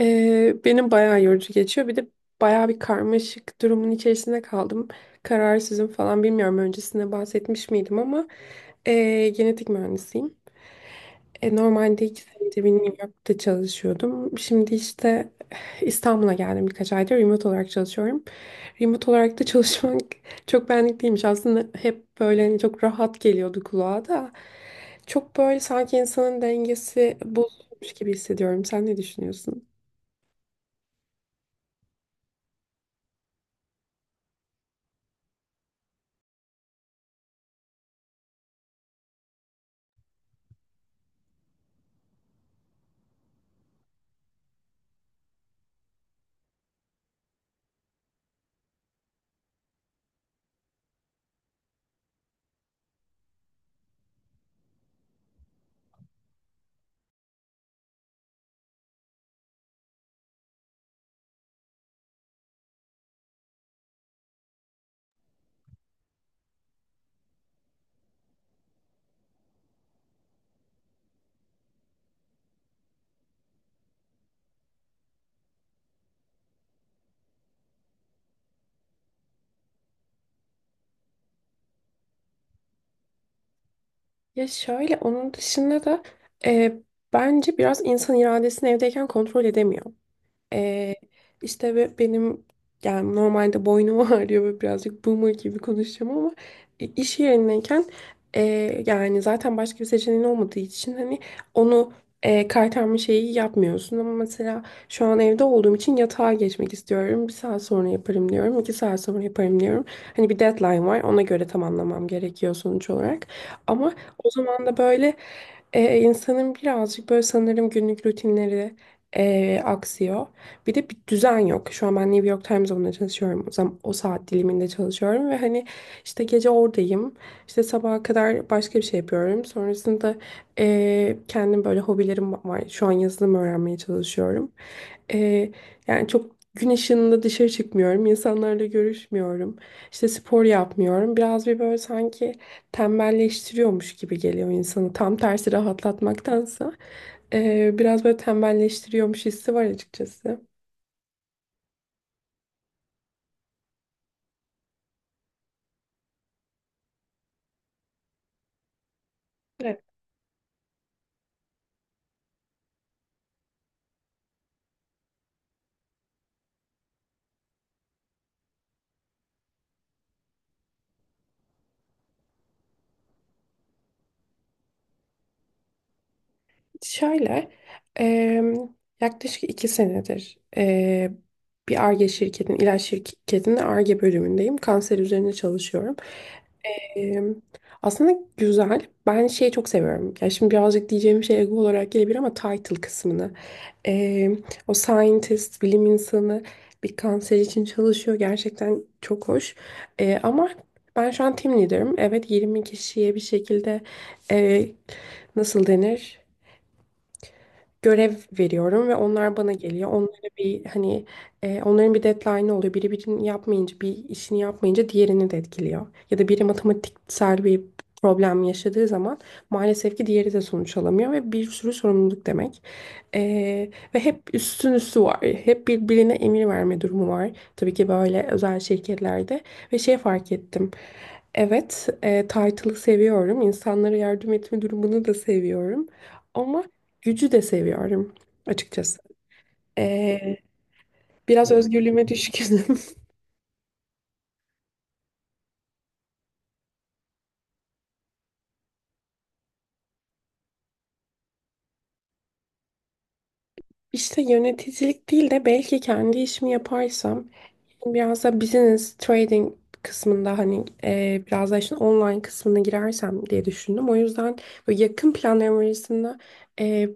Benim bayağı yorucu geçiyor. Bir de bayağı bir karmaşık durumun içerisinde kaldım. Kararsızım falan bilmiyorum. Öncesinde bahsetmiş miydim ama genetik mühendisiyim. Normalde 2 senedir benim New York'ta çalışıyordum. Şimdi işte İstanbul'a geldim birkaç aydır. Remote olarak çalışıyorum. Remote olarak da çalışmak çok benlik değilmiş. Aslında hep böyle hani çok rahat geliyordu kulağa da. Çok böyle sanki insanın dengesi bozulmuş gibi hissediyorum. Sen ne düşünüyorsun? Ya şöyle onun dışında da e, bence biraz insan iradesini evdeyken kontrol edemiyor. Ee, işte ve benim yani normalde boynum ağrıyor ve birazcık boomer gibi konuşacağım ama iş yerindeyken e, yani zaten başka bir seçeneğin olmadığı için hani onu kaytarma şeyi yapmıyorsun ama mesela şu an evde olduğum için yatağa geçmek istiyorum. Bir saat sonra yaparım diyorum. 2 saat sonra yaparım diyorum. Hani bir deadline var. Ona göre tamamlamam gerekiyor sonuç olarak. Ama o zaman da böyle insanın birazcık böyle sanırım günlük rutinleri aksıyor. Bir de bir düzen yok. Şu an ben New York Times'da buna çalışıyorum. O zaman o saat diliminde çalışıyorum ve hani işte gece oradayım. İşte sabaha kadar başka bir şey yapıyorum. Sonrasında kendim böyle hobilerim var. Şu an yazılım öğrenmeye çalışıyorum. Eee, Yani çok gün ışığında dışarı çıkmıyorum. İnsanlarla görüşmüyorum. İşte spor yapmıyorum. Biraz bir böyle sanki tembelleştiriyormuş gibi geliyor insanı. Tam tersi rahatlatmaktansa. Biraz böyle tembelleştiriyormuş hissi var açıkçası. Evet, şöyle em, yaklaşık 2 senedir bir Ar-Ge şirketin ilaç şirketinin Ar-Ge bölümündeyim. Kanser üzerine çalışıyorum. Em, Aslında güzel. Ben şeyi çok seviyorum. Ya şimdi birazcık diyeceğim şey ego olarak gelebilir ama title kısmını. Em, O scientist, bilim insanı bir kanser için çalışıyor. Gerçekten çok hoş. Ama ben şu an team leader'ım. Evet, 20 kişiye bir şekilde e, nasıl denir? Görev veriyorum ve onlar bana geliyor. Onlara bir hani onların bir deadline'ı oluyor. Biri birini yapmayınca bir işini yapmayınca diğerini de etkiliyor. Ya da biri matematiksel bir problem yaşadığı zaman maalesef ki diğeri de sonuç alamıyor ve bir sürü sorumluluk demek. E, Ve hep üstün üstü var. Hep birbirine emir verme durumu var. Tabii ki böyle özel şirketlerde ve şey fark ettim. Evet, title'ı seviyorum. İnsanlara yardım etme durumunu da seviyorum. Ama gücü de seviyorum açıkçası. Ee, Biraz özgürlüğüme düşkünüm. İşte yöneticilik değil de belki kendi işimi yaparsam biraz da business trading kısmında hani biraz da işin online kısmına girersem diye düşündüm. O yüzden böyle yakın planlarım arasında e,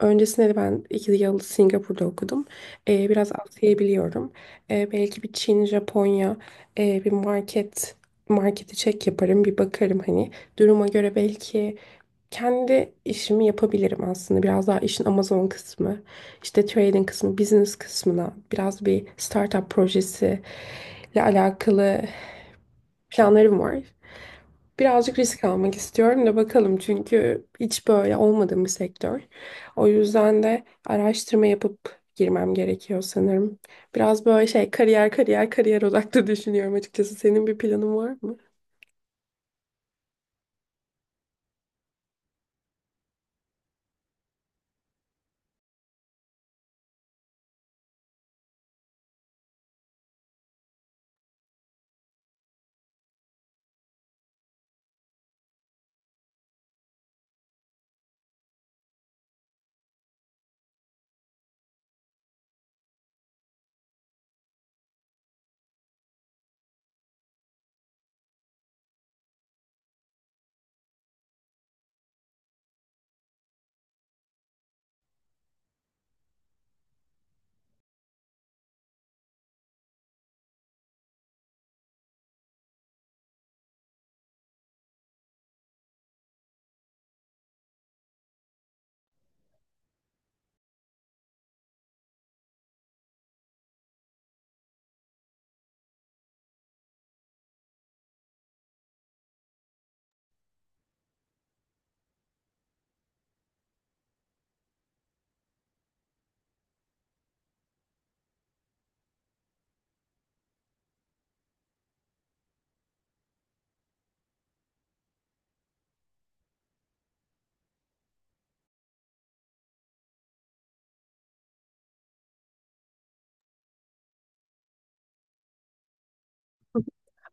öncesinde de ben 2 yıl Singapur'da okudum. Biraz Asya'yı biliyorum. Belki bir Çin, Japonya, bir market marketi çek yaparım bir bakarım hani duruma göre belki kendi işimi yapabilirim aslında. Biraz daha işin Amazon kısmı, işte trading kısmı, business kısmına biraz bir startup projesi ile alakalı planlarım var. Birazcık risk almak istiyorum da bakalım çünkü hiç böyle olmadığım bir sektör. O yüzden de araştırma yapıp girmem gerekiyor sanırım. Biraz böyle şey kariyer kariyer kariyer odaklı düşünüyorum açıkçası. Senin bir planın var mı?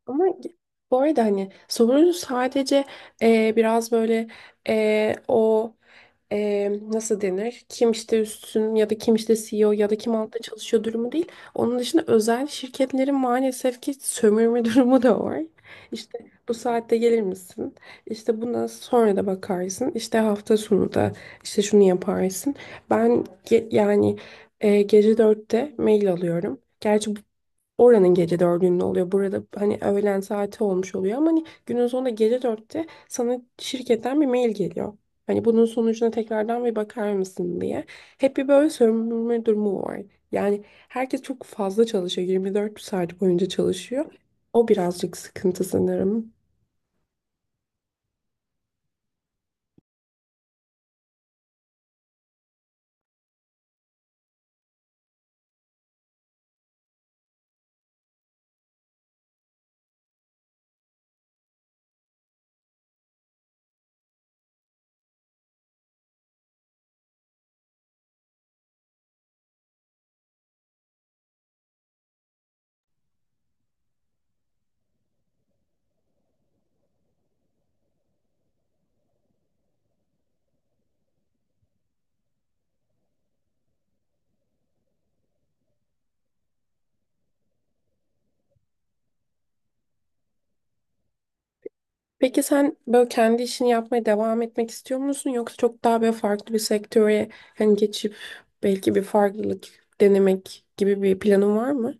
Ama bu arada hani sorun sadece biraz böyle o nasıl denir? Kim işte üstün ya da kim işte CEO ya da kim altta çalışıyor durumu değil. Onun dışında özel şirketlerin maalesef ki sömürme durumu da var. İşte bu saatte gelir misin? İşte bundan sonra da bakarsın. İşte hafta sonu da işte şunu yaparsın. Yani, gece dörtte mail alıyorum. Gerçi bu, oranın gece dördünde oluyor. Burada hani öğlen saati olmuş oluyor ama hani günün sonunda gece dörtte sana şirketten bir mail geliyor. Hani bunun sonucuna tekrardan bir bakar mısın diye. Hep bir böyle sömürme durumu var. Yani herkes çok fazla çalışıyor. 24 saat boyunca çalışıyor. O birazcık sıkıntı sanırım. Peki sen böyle kendi işini yapmaya devam etmek istiyor musun yoksa çok daha böyle farklı bir sektöre hani geçip belki bir farklılık denemek gibi bir planın var mı?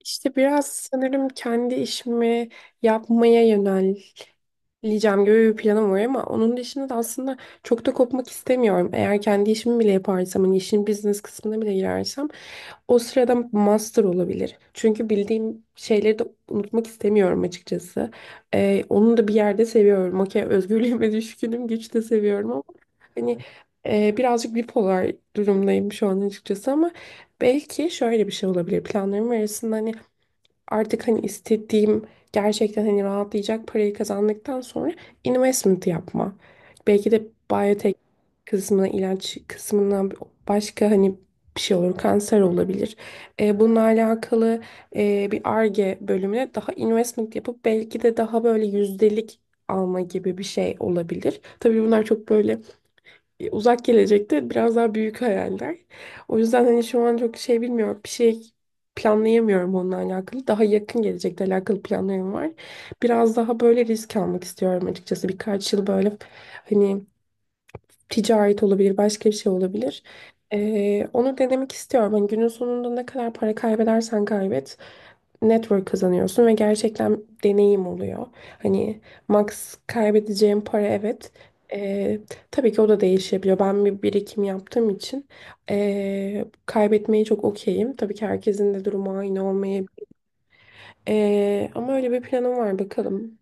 İşte biraz sanırım kendi işimi yapmaya yöneleceğim gibi bir planım var ama onun dışında da aslında çok da kopmak istemiyorum. Eğer kendi işimi bile yaparsam, hani işin business kısmına bile girersem o sırada master olabilir. Çünkü bildiğim şeyleri de unutmak istemiyorum açıkçası. Onu da bir yerde seviyorum. Okey, özgürlüğüme düşkünüm, güç de seviyorum ama hani birazcık bipolar durumdayım şu an açıkçası ama belki şöyle bir şey olabilir planlarım arasında hani artık hani istediğim gerçekten hani rahatlayacak parayı kazandıktan sonra investment yapma. Belki de biyotek kısmına, ilaç kısmına başka hani bir şey olur, kanser olabilir. Bununla alakalı bir Ar-Ge bölümüne daha investment yapıp belki de daha böyle yüzdelik alma gibi bir şey olabilir. Tabii bunlar çok böyle uzak gelecekte biraz daha büyük hayaller. O yüzden hani şu an çok şey bilmiyorum. Bir şey planlayamıyorum onunla alakalı. Daha yakın gelecekle alakalı planlarım var. Biraz daha böyle risk almak istiyorum açıkçası. Birkaç yıl böyle hani ticaret olabilir, başka bir şey olabilir. Onu denemek istiyorum. Hani günün sonunda ne kadar para kaybedersen kaybet, network kazanıyorsun ve gerçekten deneyim oluyor. Hani max kaybedeceğim para evet. Ee, tabii ki o da değişebiliyor. Ben bir birikim yaptığım için kaybetmeyi çok okeyim. Tabii ki herkesin de durumu aynı olmayabilir. Ama öyle bir planım var bakalım.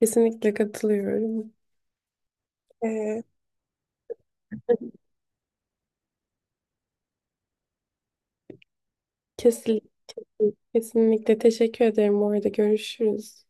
Kesinlikle katılıyorum. Ee, Kesinlikle. Kesinlikle teşekkür ederim. Bu arada görüşürüz.